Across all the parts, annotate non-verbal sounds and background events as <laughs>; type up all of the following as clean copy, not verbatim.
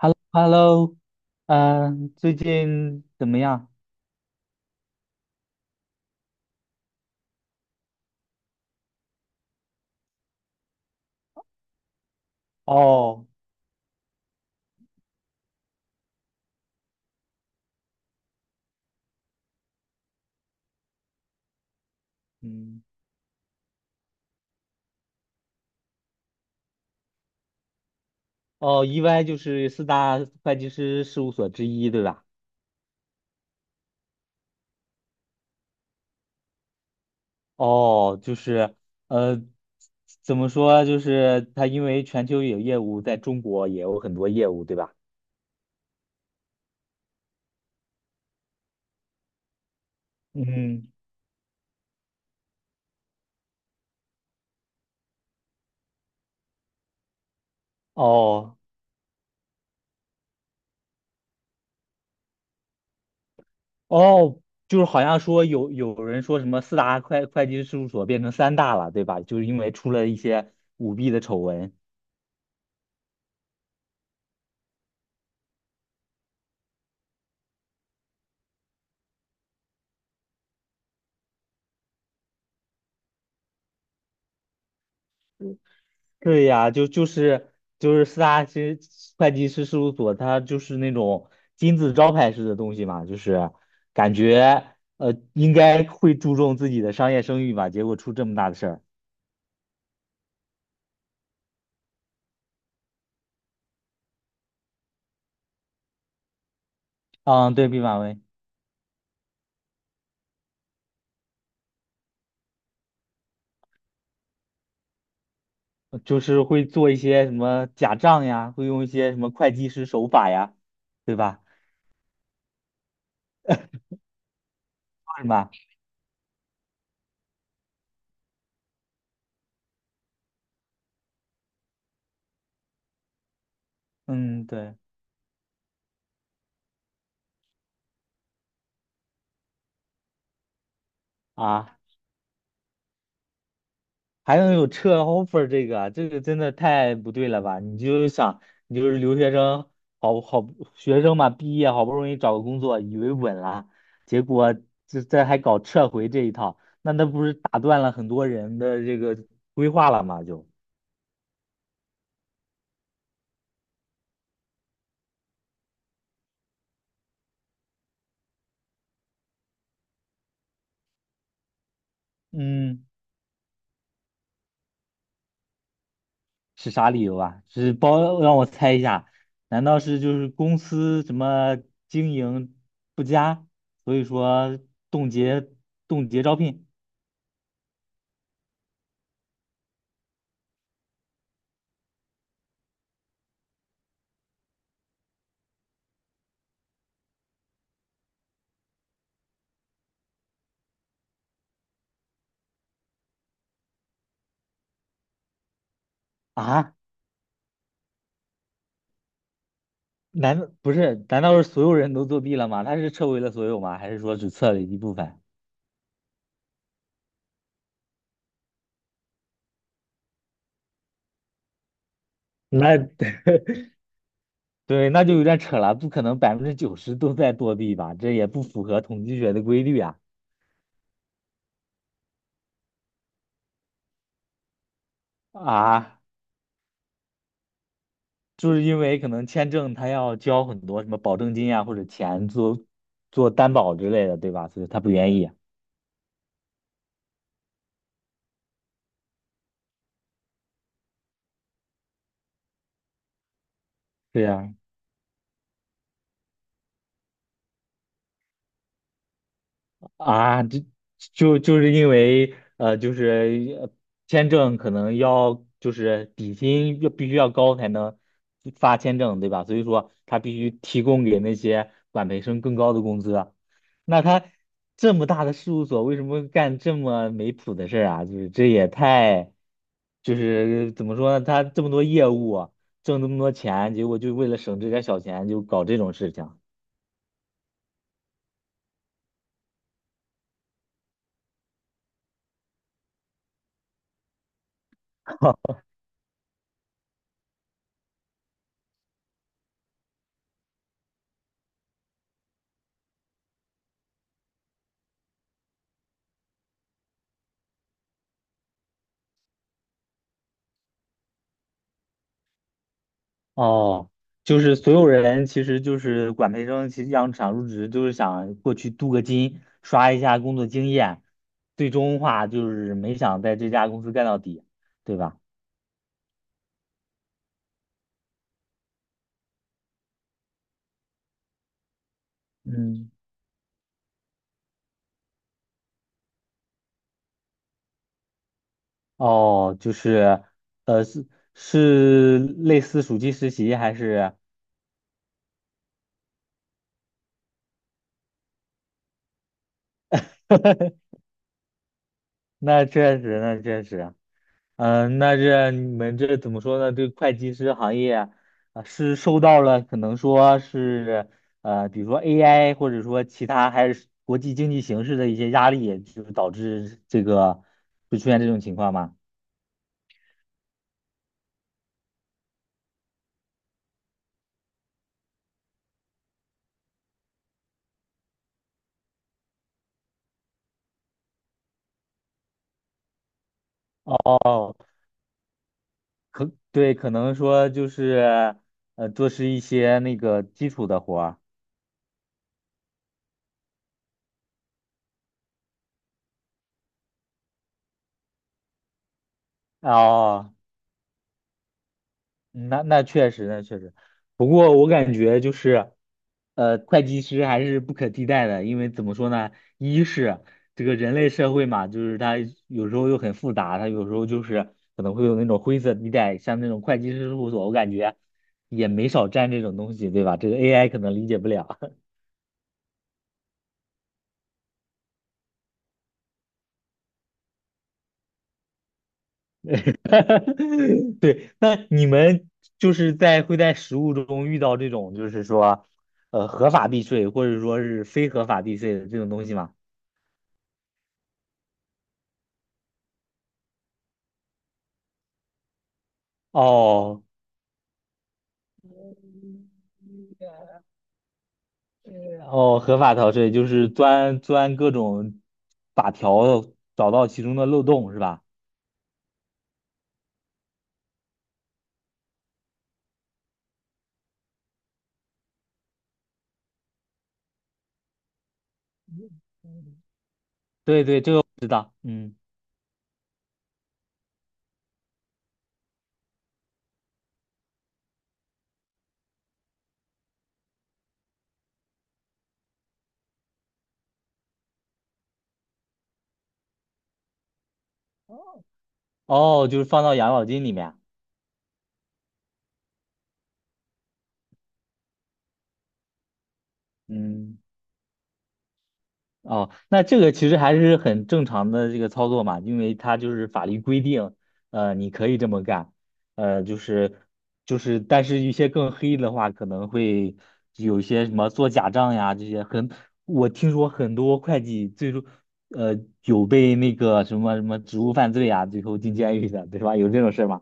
h e l l o h e l l o 最近怎么样？哦，嗯，哦，EY 就是四大会计师事务所之一，对吧？哦，就是，呃，怎么说？就是他因为全球有业务，在中国也有很多业务，对吧？嗯，哦，哦，就是好像说有人说什么四大会计师事务所变成三大了，对吧？就是因为出了一些舞弊的丑闻。对呀，就是四大其实会计师事务所，它就是那种金字招牌式的东西嘛，就是感觉应该会注重自己的商业声誉吧，结果出这么大的事儿。嗯，对，毕马威就是会做一些什么假账呀，会用一些什么会计师手法呀，对吧？是吧？嗯，对啊。还能有撤 offer 这个啊，这个真的太不对了吧？你就想，你就是留学生，好好学生嘛，毕业好不容易找个工作，以为稳了，结果这还搞撤回这一套，那不是打断了很多人的这个规划了吗？嗯，是啥理由啊？是包，让我猜一下，难道是就是公司什么经营不佳，所以说冻结冻结招聘啊？难道不是？难道是所有人都作弊了吗？他是撤回了所有吗？还是说只撤了一部分？那 <laughs> 对，那就有点扯了，不可能90%都在作弊吧？这也不符合统计学的规律啊！啊，就是因为可能签证他要交很多什么保证金啊或者钱做做担保之类的，对吧？所以他不愿意。对呀、啊，就是因为就是签证可能要就是底薪要必须要高才能发签证，对吧？所以说他必须提供给那些管培生更高的工资啊那他这么大的事务所，为什么干这么没谱的事儿啊？就是这也太，就是怎么说呢？他这么多业务啊挣这么多钱，结果就为了省这点儿小钱就搞这种事情。<laughs> 哦，就是所有人其实就是管培生，其实想想入职就是想过去镀个金，刷一下工作经验，最终话就是没想在这家公司干到底，对吧？嗯，哦，就是，呃，是是类似暑期实习还是？那确实，那确实。嗯、那这你们这怎么说呢？这个会计师行业啊，啊是受到了可能说是比如说 AI 或者说其他还是国际经济形势的一些压力，就是导致这个会出现这种情况吗？哦，可对，可能说就是做是一些那个基础的活儿。哦，嗯那确实，那确实。不过我感觉就是，会计师还是不可替代的，因为怎么说呢？一是这个人类社会嘛，就是它有时候又很复杂，它有时候就是可能会有那种灰色地带，像那种会计师事务所，我感觉也没少占这种东西，对吧？这个 AI 可能理解不了。<laughs> 对，那你们就是在实务中遇到这种就是说，合法避税或者说是非合法避税的这种东西吗？哦，呃哦，合法逃税就是钻钻各种法条，找到其中的漏洞是吧？对对，这个我知道。嗯，哦，就是放到养老金里面。嗯。哦，那这个其实还是很正常的这个操作嘛，因为它就是法律规定，你可以这么干，呃，就是就是，但是一些更黑的话，可能会有一些什么做假账呀这些很，我听说很多会计最终，呃，有被那个什么什么职务犯罪啊，最后进监狱的，对吧？有这种事儿吗？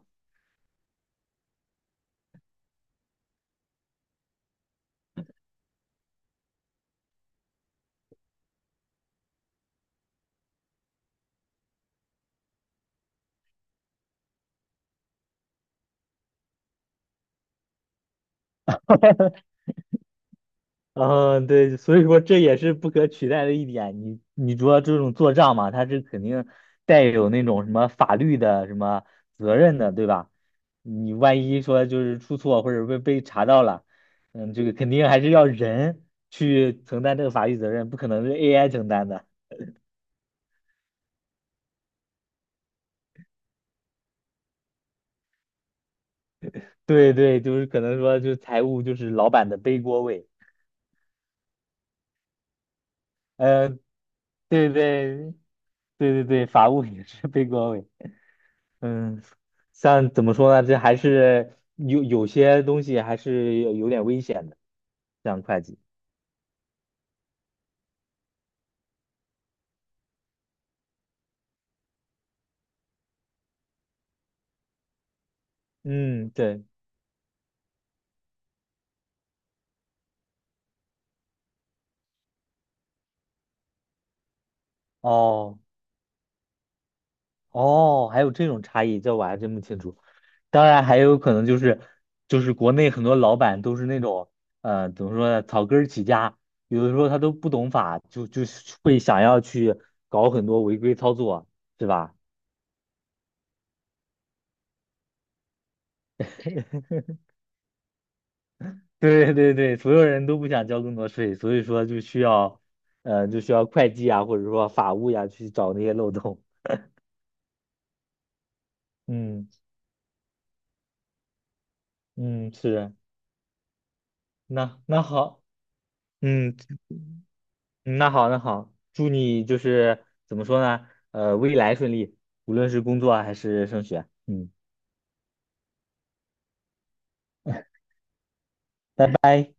嗯，对，所以说这也是不可取代的一点。你说这种做账嘛，它是肯定带有那种什么法律的什么责任的，对吧？你万一说就是出错或者被查到了，嗯，这个肯定还是要人去承担这个法律责任，不可能是 AI 承担的。对对，就是可能说就是财务就是老板的背锅位，呃，对对对对对，法务也是背锅位。嗯，像怎么说呢？这还是有些东西还是有点危险的，像会计。嗯，对，哦哦，还有这种差异，这我还真不清楚。当然，还有可能就是国内很多老板都是那种怎么说呢，草根儿起家，有的时候他都不懂法，就会想要去搞很多违规操作，是吧？<laughs> <laughs> 对对对，所有人都不想交更多税，所以说就需要，就需要会计啊，或者说法务呀、去找那些漏洞。<laughs> 嗯嗯，是，那好，嗯，那好那好，祝你就是怎么说呢，未来顺利，无论是工作啊还是升学。嗯。拜拜